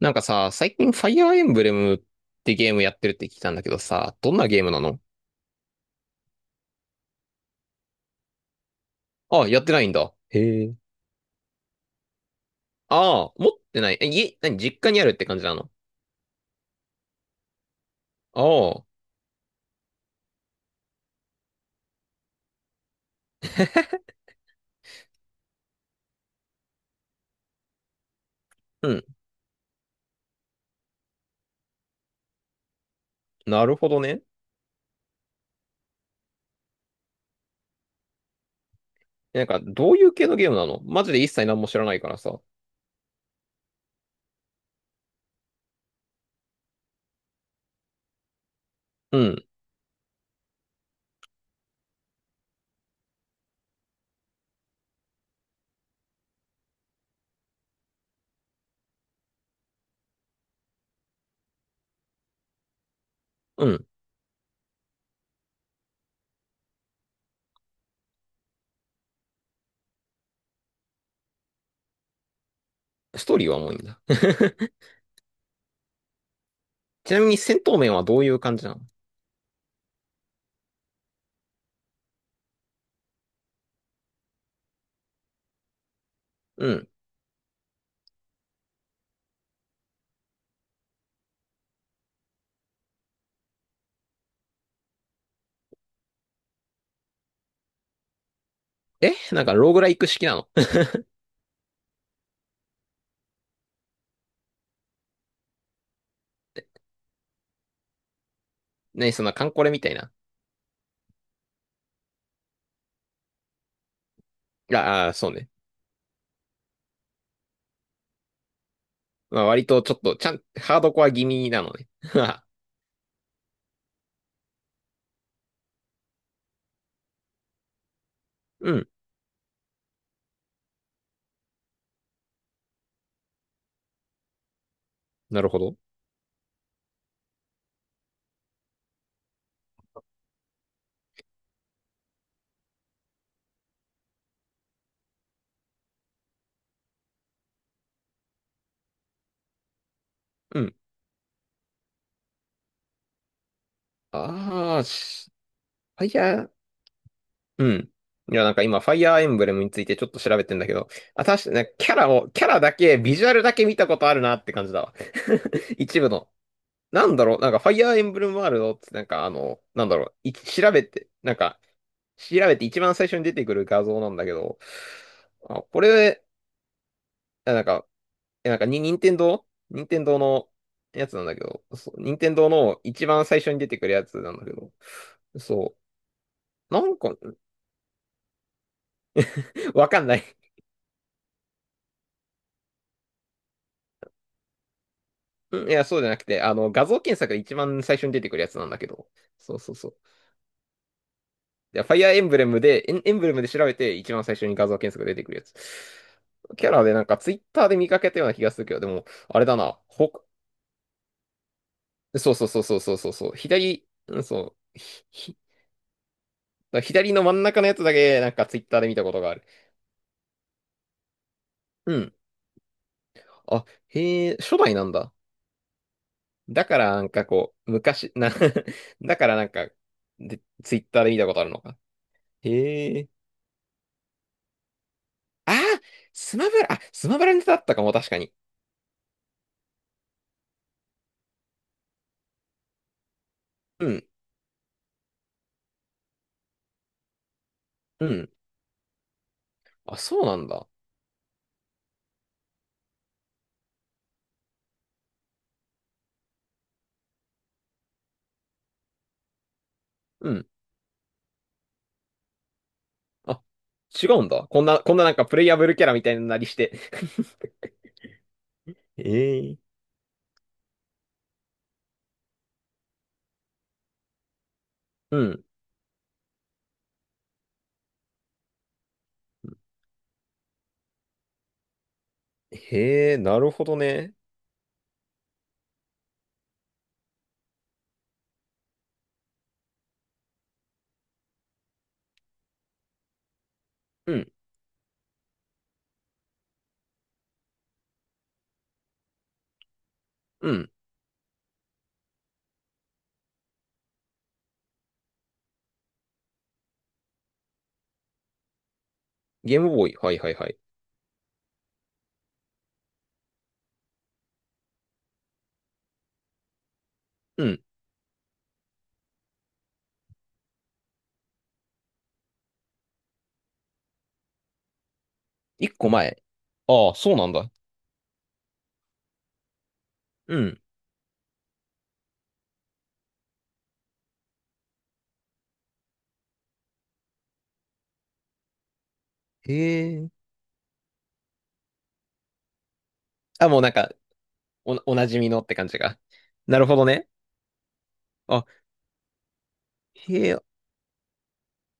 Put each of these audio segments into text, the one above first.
なんかさ、最近ファイアーエンブレムってゲームやってるって聞いたんだけどさ、どんなゲームなの？あ、やってないんだ。へえ。ああ、持ってない。え、家、何、実家にあるって感じなの？ ああ、うん。なるほどね。なんか、どういう系のゲームなの？マジで一切何も知らないからさ。うん、うん。ストーリーはもういいんだ。ちなみに戦闘面はどういう感じなの？うん。え、なんか、ローグライク式なの？ 何、そんなカンコレみたいな。ああ、そうね。まあ、割とちょっと、ちゃん、ハードコア気味なのね。うん。なるほど。うん。ああ、しファイヤー、うん。いや、なんか今、ファイヤーエンブレムについてちょっと調べてんだけど、あ、確かにね、キャラだけ、ビジュアルだけ見たことあるなって感じだわ。一部の。なんだろう、なんか、ファイヤーエンブレムワールドって、なんか、あの、なんだろう、い調べて、なんか、調べて一番最初に出てくる画像なんだけど、あ、これ、あ、なんか、え、なんか、に、任天堂のやつなんだけど、そう、任天堂の一番最初に出てくるやつなんだけど、そう。なんか、わかんない。うん、いや、そうじゃなくて、あの、画像検索で一番最初に出てくるやつなんだけど。そうそうそう。いや、ファイアーエンブレムで、エンブレムで調べて、一番最初に画像検索が出てくるやつ。キャラでなんか、ツイッターで見かけたような気がするけど、でも、あれだな。そうそうそうそうそうそうそう。左、うん、そう。左の真ん中のやつだけ、なんか、ツイッターで見たことがある。うん。あ、へえ、初代なんだ。だから、なんかこう、昔、な。 だからなんか、で、ツイッターで見たことあるのか。へえ。ああ、スマブラネタだったかも、確かに。うん、うん。あ、そうなんだ。うん。あ、違うんだ。こんななんかプレイヤブルキャラみたいなのなりして。ええ、うん。へえ、なるほどね。うん、うん。ゲームボーイ。はいはいはい。うん。一個前。ああ、そうなんだ。うん。へえ。あ、もうなんか、おなじみのって感じが。なるほどね。あ、へえ、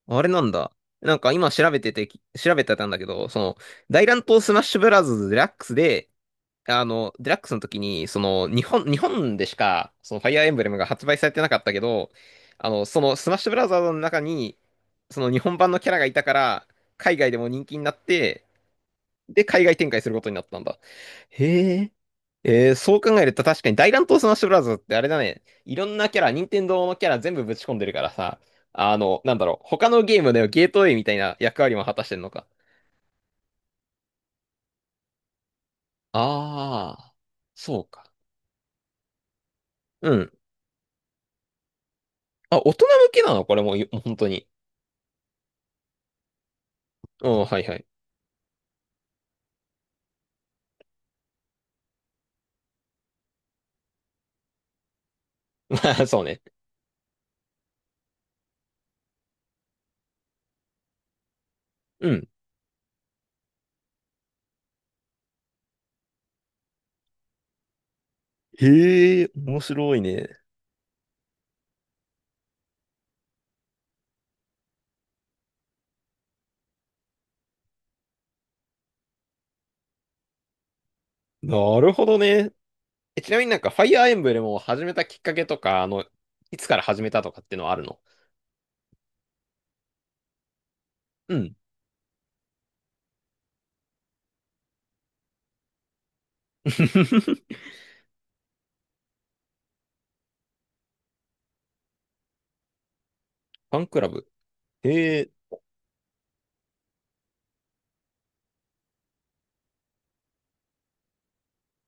あれなんだ。なんか今調べてて、調べてたんだけど、その、大乱闘スマッシュブラザーズデラックスで、あの、デラックスの時に、その、日本でしか、その、ファイアーエンブレムが発売されてなかったけど、あの、その、スマッシュブラザーズの中に、その、日本版のキャラがいたから、海外でも人気になって、で、海外展開することになったんだ。へー、えー、そう考えると確かに大乱闘スマッシュブラザーズってあれだね。いろんなキャラ、任天堂のキャラ全部ぶち込んでるからさ。あの、なんだろう。他のゲームではゲートウェイみたいな役割も果たしてんのか。ああ、そうか。うん。あ、大人向けなのこれ？もう、本当に？うん、はいはい。まあ、そうね。うん。へえ、面白いね。なるほどね。え、ちなみになんか、ファイアーエンブレムを始めたきっかけとか、あの、いつから始めたとかっていうのはあるの？うん。ファンクラブ。へえ、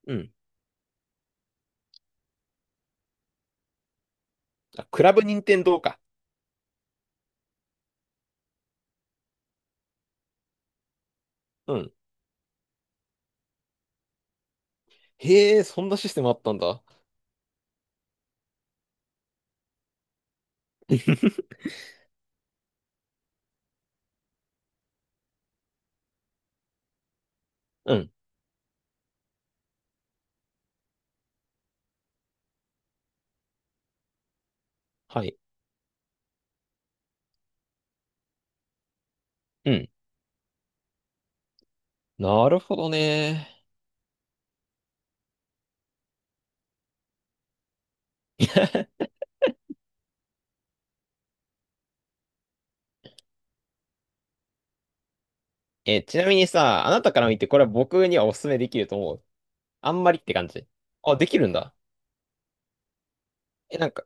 うん。あ、クラブ任天堂か。うん。へえ、そんなシステムあったんだ。うん。はい。うん。なるほどね。え、ちなみにさ、あなたから見てこれは僕にはおすすめできると思う？あんまりって感じ？あ、できるんだ。え、なんか、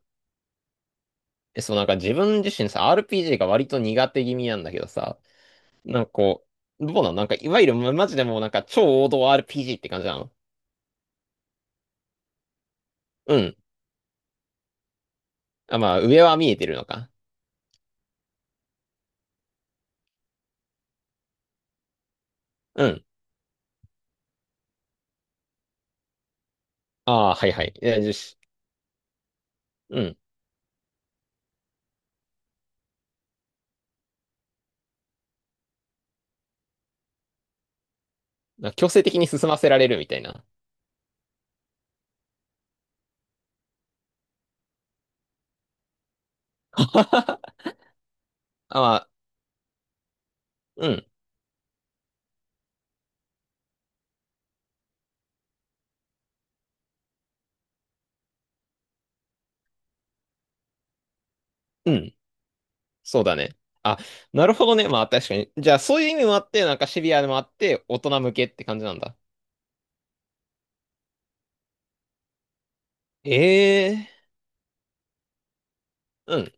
え、そう、なんか自分自身さ、RPG が割と苦手気味なんだけどさ、なんかこう、どうなの？なんか、いわゆる、まマジでもうなんか超王道 RPG って感じなの？うん。あ、まあ、上は見えてるのか。うん。ああ、はいはい。え、よし。うん。なんか強制的に進ませられるみたいな。あ、まあ、うん、うん、そうだね。あ、なるほどね。まあ確かに。じゃあそういう意味もあって、なんかシビアでもあって、大人向けって感じなんだ。ええー、うん。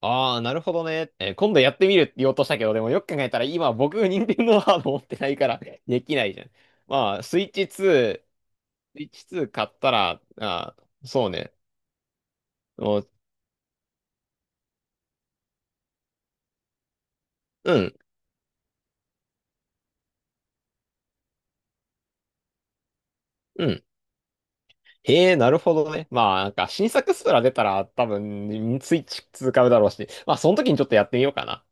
ああ、なるほどね。今度やってみるって言おうとしたけど、でもよく考えたら今僕、任天堂ハード持ってないから、 できないじゃん。まあ、スイッチ2買ったら、あー、そうね。もう、うん、うん。へえ、なるほどね。まあ、なんか新作スプラ出たら多分、スイッチ2買うだろうし、まあ、その時にちょっとやってみようかな。